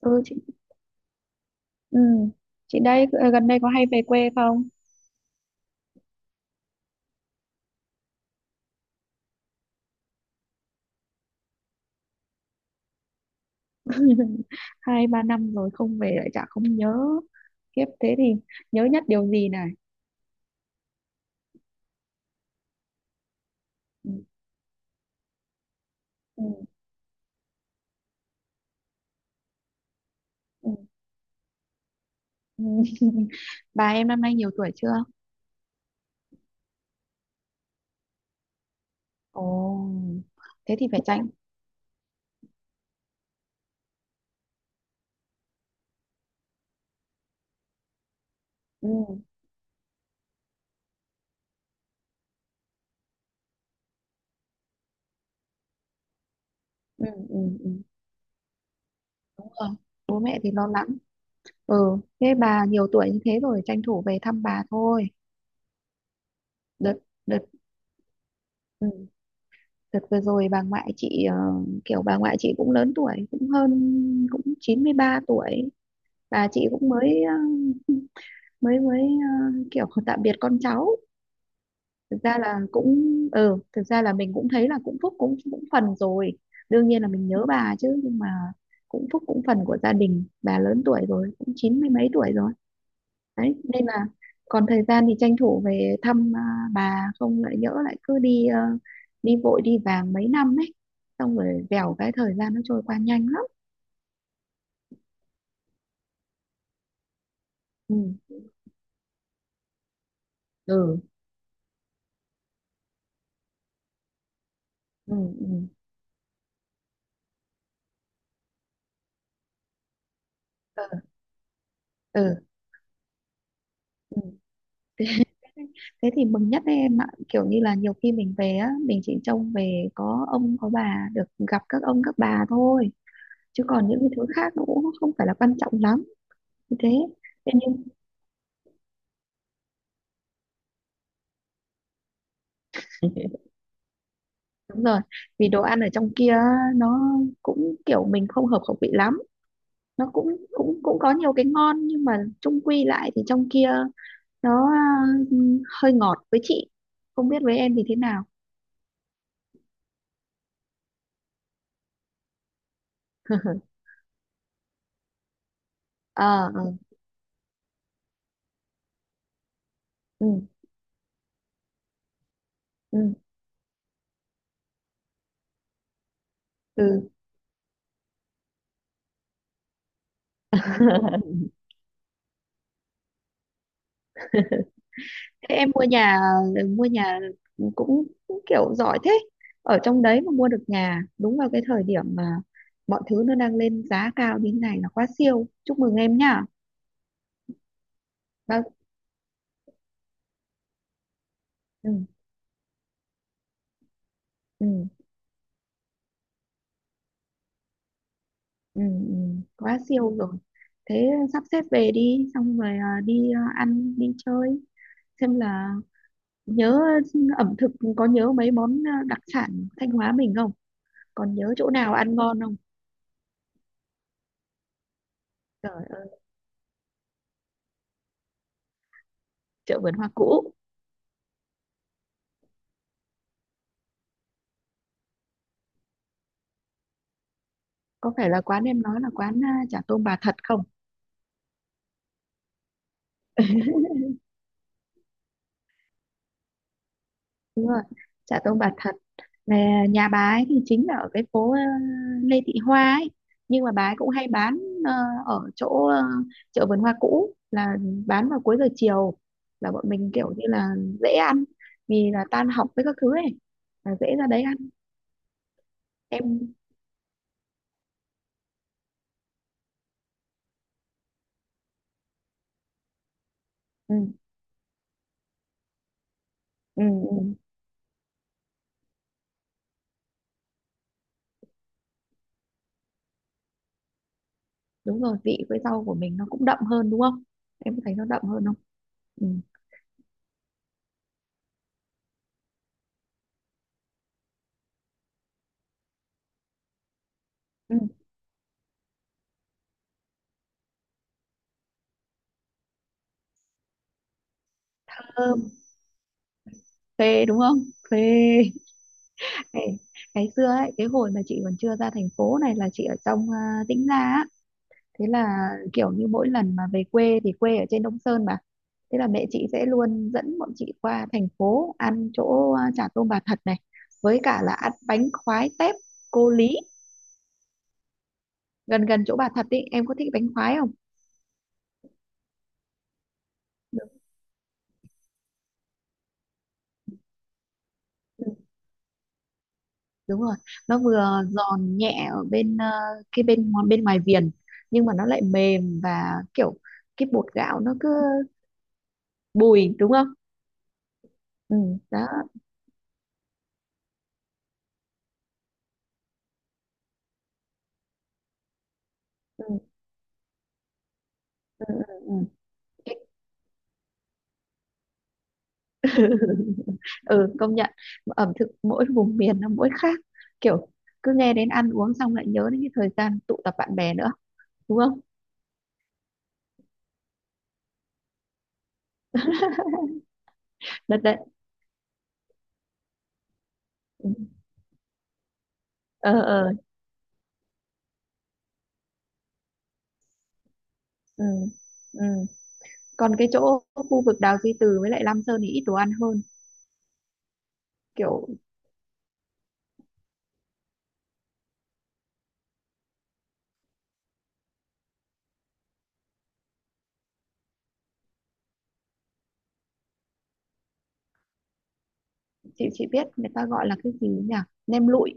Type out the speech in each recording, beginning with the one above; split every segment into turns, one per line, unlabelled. Ừ, chị. Ừ. Chị đây, gần đây có hay về quê không? Hai ba năm rồi không về lại chả không nhớ. Kiếp thế thì nhớ nhất điều gì này? Ừ. Ừ. Ừ. Ừ. Bà em năm nay nhiều tuổi chưa? Ồ, thế thì phải tránh. Ừ. Ừ. Ừ. Ừ. Đúng rồi, bố mẹ thì lo lắng. Ừ, thế bà nhiều tuổi như thế rồi tranh thủ về thăm bà thôi. Đợt đợt Ừ. Đợt vừa rồi bà ngoại chị, kiểu bà ngoại chị cũng lớn tuổi, cũng hơn, cũng 93 tuổi. Bà chị cũng mới ờ, mới mới ờ, kiểu tạm biệt con cháu. Thực ra là cũng Ừ, thực ra là mình cũng thấy là cũng phúc cũng cũng phần rồi. Đương nhiên là mình nhớ bà chứ, nhưng mà cũng phúc cũng phần của gia đình, bà lớn tuổi rồi, cũng chín mươi mấy tuổi rồi đấy, nên là còn thời gian thì tranh thủ về thăm, bà không lại nhỡ lại cứ đi, đi vội đi vàng mấy năm ấy, xong rồi vèo cái thời gian nó trôi qua nhanh lắm. Ừ, ừ, ừ, ừ, ừ, ừ. Ừ. Thế, thế thì mừng nhất đấy em ạ, kiểu như là nhiều khi mình về á, mình chỉ trông về có ông có bà, được gặp các ông các bà thôi, chứ còn những cái thứ khác nó cũng không phải là quan trọng lắm như thế. Thế nhưng. Đúng rồi, vì đồ ăn ở trong kia á, nó cũng kiểu mình không hợp khẩu vị lắm. Nó cũng cũng cũng có nhiều cái ngon nhưng mà chung quy lại thì trong kia nó, ừ, hơi ngọt với chị. Không biết với em thì thế nào. Ờ, ừ, ừ, ừ. Ừ. Thế em mua nhà, mua nhà cũng kiểu giỏi thế. Ở trong đấy mà mua được nhà đúng vào cái thời điểm mà mọi thứ nó đang lên giá cao như thế này là quá siêu. Chúc mừng em nhá. Vâng. Ừ, ừ. Ừ, ừ, quá siêu rồi, thế sắp xếp về đi xong rồi, đi, ăn đi chơi, xem là nhớ ẩm thực, có nhớ mấy món, đặc sản Thanh Hóa mình không, còn nhớ chỗ nào ăn ngon không? Trời ơi, chợ vườn hoa cũ. Có phải là quán em nói là quán, chả tôm bà thật không? Đúng rồi, chợ Tôn Bà Thật là nhà bà ấy, thì chính là ở cái phố, Lê Thị Hoa ấy, nhưng mà bà ấy cũng hay bán, ờ, ở chỗ, chợ vườn hoa cũ, là bán vào cuối giờ chiều, là bọn mình kiểu như là dễ ăn, vì là tan học với các thứ ấy là dễ ra đấy ăn. Em, ừ, ừ, ừ. Đúng rồi, vị với rau của mình nó cũng đậm hơn, đúng không? Em có thấy nó đậm hơn không? Ừ. Ừ. Thơm, phê đúng không, phê. Ê, ngày xưa ấy cái hồi mà chị còn chưa ra thành phố này là chị ở trong, Tĩnh Gia á, thế là kiểu như mỗi lần mà về quê thì quê ở trên Đông Sơn mà, thế là mẹ chị sẽ luôn dẫn bọn chị qua thành phố ăn chỗ, chả tôm bà Thật này, với cả là ăn bánh khoái tép cô Lý gần gần chỗ bà Thật ý. Em có thích bánh khoái không? Được. Ừ, đúng rồi, nó vừa giòn nhẹ ở bên, bên ngoài viền, nhưng mà nó lại mềm và kiểu cái bột gạo nó cứ bùi, đúng không? Ừ, đó. Ừ, ừ, ừ, ừ. Cái- ừ, công nhận ẩm thực mỗi vùng miền nó mỗi khác, kiểu cứ nghe đến ăn uống xong lại nhớ đến cái thời gian tụ tập bạn bè nữa, đúng không? Đợt đấy. Ừ, ờ, ờ, ừ, ừ. Còn cái chỗ khu vực Đào Duy Từ với lại Lam Sơn thì ít đồ ăn hơn, kiểu chị biết người ta gọi là cái gì nhỉ? Nem lụi,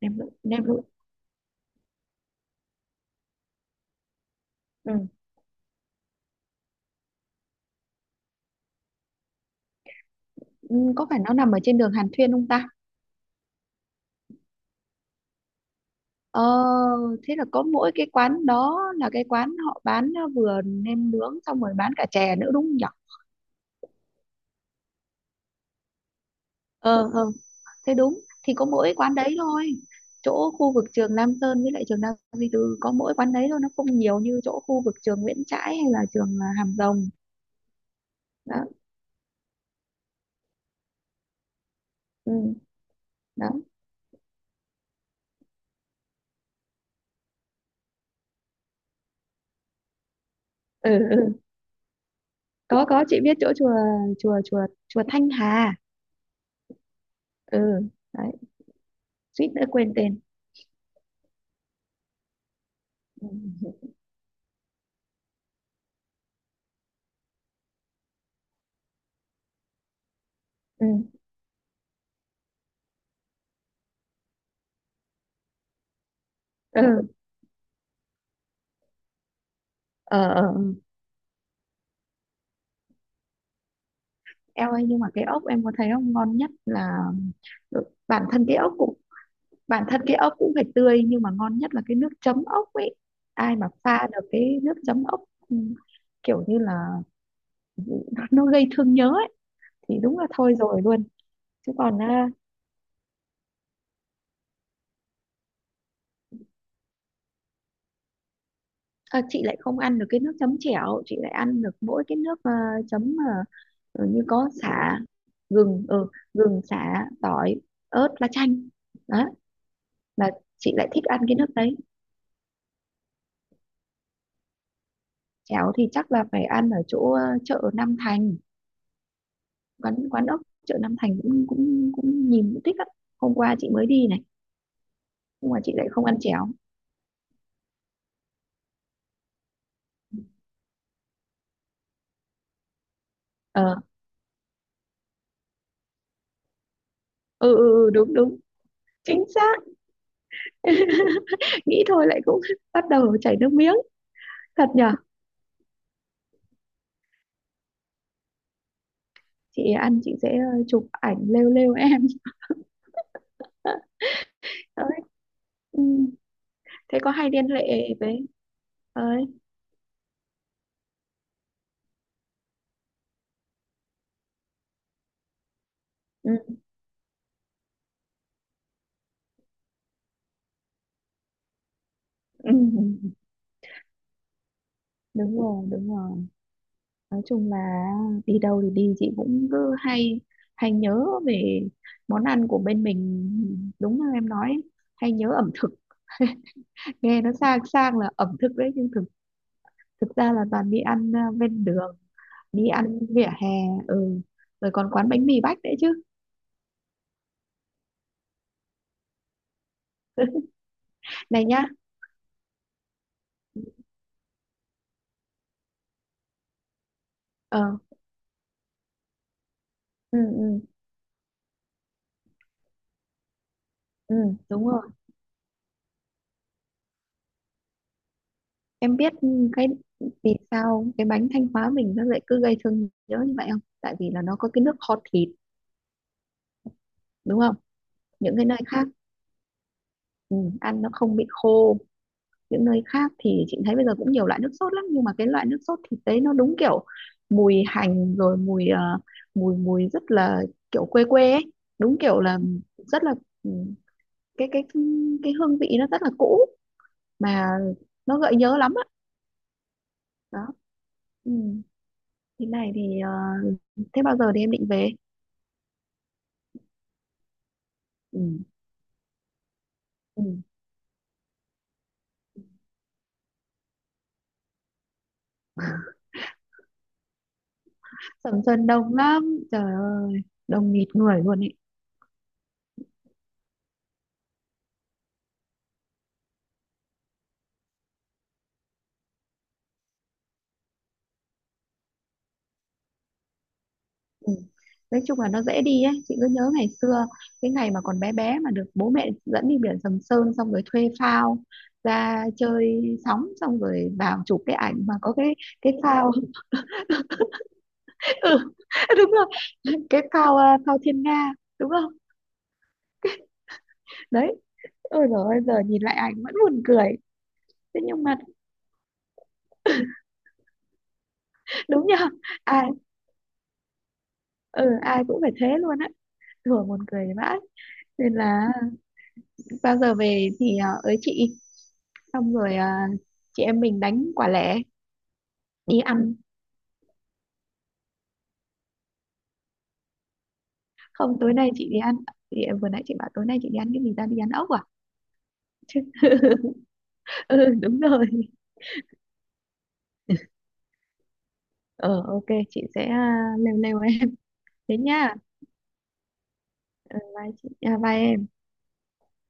nem lụi, nem lụi. Ừ. Ừ, có phải nó nằm ở trên đường Hàn Thuyên không ta? Ờ, thế là có mỗi cái quán đó là cái quán họ bán, vừa nem nướng xong rồi bán cả chè nữa đúng không nhỉ? Ờ, ờ. Thế đúng, thì có mỗi quán đấy thôi. Chỗ khu vực trường Lam Sơn với lại trường Nam Duy Tư có mỗi quán đấy thôi, nó không nhiều như chỗ khu vực trường Nguyễn Trãi hay là trường, Hàm Rồng. Đó, ừ, đó. Ừ, ừ. Có, chị biết chỗ chùa chùa chùa chùa Thanh Hà. Ừ, đấy, suýt nữa quên tên. Ừ. Ừ. Ừ. Ờ, ờ, ờ. Eo ơi, nhưng mà cái ốc em có thấy không ngon nhất là, ừ, bản thân cái ốc cũng phải tươi, nhưng mà ngon nhất là cái nước chấm ốc ấy. Ai mà pha được cái nước chấm ốc, ừ, kiểu như là nó gây thương nhớ ấy, thì đúng là thôi rồi luôn. Chứ còn, chị lại không ăn được cái nước chấm chẻo, chị lại ăn được mỗi cái nước, chấm, ừ, như có sả, gừng ừ, gừng sả tỏi ớt lá chanh, đó là chị lại thích ăn cái nước đấy. Cháo thì chắc là phải ăn ở chỗ, chợ Nam Thành, quán quán ốc chợ Nam Thành cũng cũng cũng nhìn cũng thích lắm. Hôm qua chị mới đi này, nhưng mà chị lại không ăn cháo. Ờ, ừ, ừ, ừ, đúng đúng, chính xác. Nghĩ thôi lại cũng bắt đầu chảy nước miếng. Thật nhở? Chị ăn chị sẽ, chụp ảnh lêu lêu em. Đấy. Ừ. Thế có hay liên hệ với. Ừ. Ừ. Ừ, ừ, ừ. Đúng rồi, đúng rồi. Nói chung là đi đâu thì đi chị cũng cứ hay hay nhớ về món ăn của bên mình, đúng như em nói, hay nhớ ẩm thực. Nghe nó sang sang là ẩm thực đấy, nhưng thực thực ra là toàn đi ăn, bên đường, đi ăn vỉa hè. Ừ, rồi còn quán bánh mì Bách đấy chứ? Này nhá. Ờ, ừ, ừ, ừ, đúng rồi. Em biết cái vì sao cái bánh Thanh Hóa mình nó lại cứ gây thương nhớ như vậy không? Tại vì là nó có cái nước kho thịt, đúng không? Những cái nơi khác, ừ, ăn nó không bị khô. Những nơi khác thì chị thấy bây giờ cũng nhiều loại nước sốt lắm, nhưng mà cái loại nước sốt thịt đấy nó đúng kiểu mùi hành, rồi mùi ờ, mùi mùi rất là kiểu quê quê ấy, đúng kiểu là rất là, ừ, cái cái cái hương vị nó rất là cũ, mà nó gợi nhớ lắm á, đó. Ừ. Thế này thì, thế bao giờ thì em định về? Ừ. Ừ. Sầm Sơn đông lắm, trời ơi, đông nghịt người luôn ấy. Ừ. Nói chung là nó dễ đi ấy, chị cứ nhớ ngày xưa cái ngày mà còn bé bé mà được bố mẹ dẫn đi biển Sầm Sơn, xong rồi thuê phao ra chơi sóng, xong rồi vào chụp cái ảnh mà có cái phao. Ừ, đúng rồi, cái phao, phao Thiên Nga đúng không? Đấy, ôi rồi, ôi giờ nhìn lại ảnh vẫn buồn cười. Thế nhưng mà đúng nhờ, ai ừ, ai cũng phải thế luôn á, thường buồn cười vãi. Nên là bao giờ về thì, ới chị, xong rồi, chị em mình đánh quả lẻ đi ăn. Không, tối nay chị đi ăn, chị, vừa nãy chị bảo tối nay chị đi ăn cái gì ta, đi ăn ốc à, chứ. Ừ, đúng rồi. Ờ, ok, chị sẽ, lêu lêu em, thế nha. Ờ, bye chị, bye em.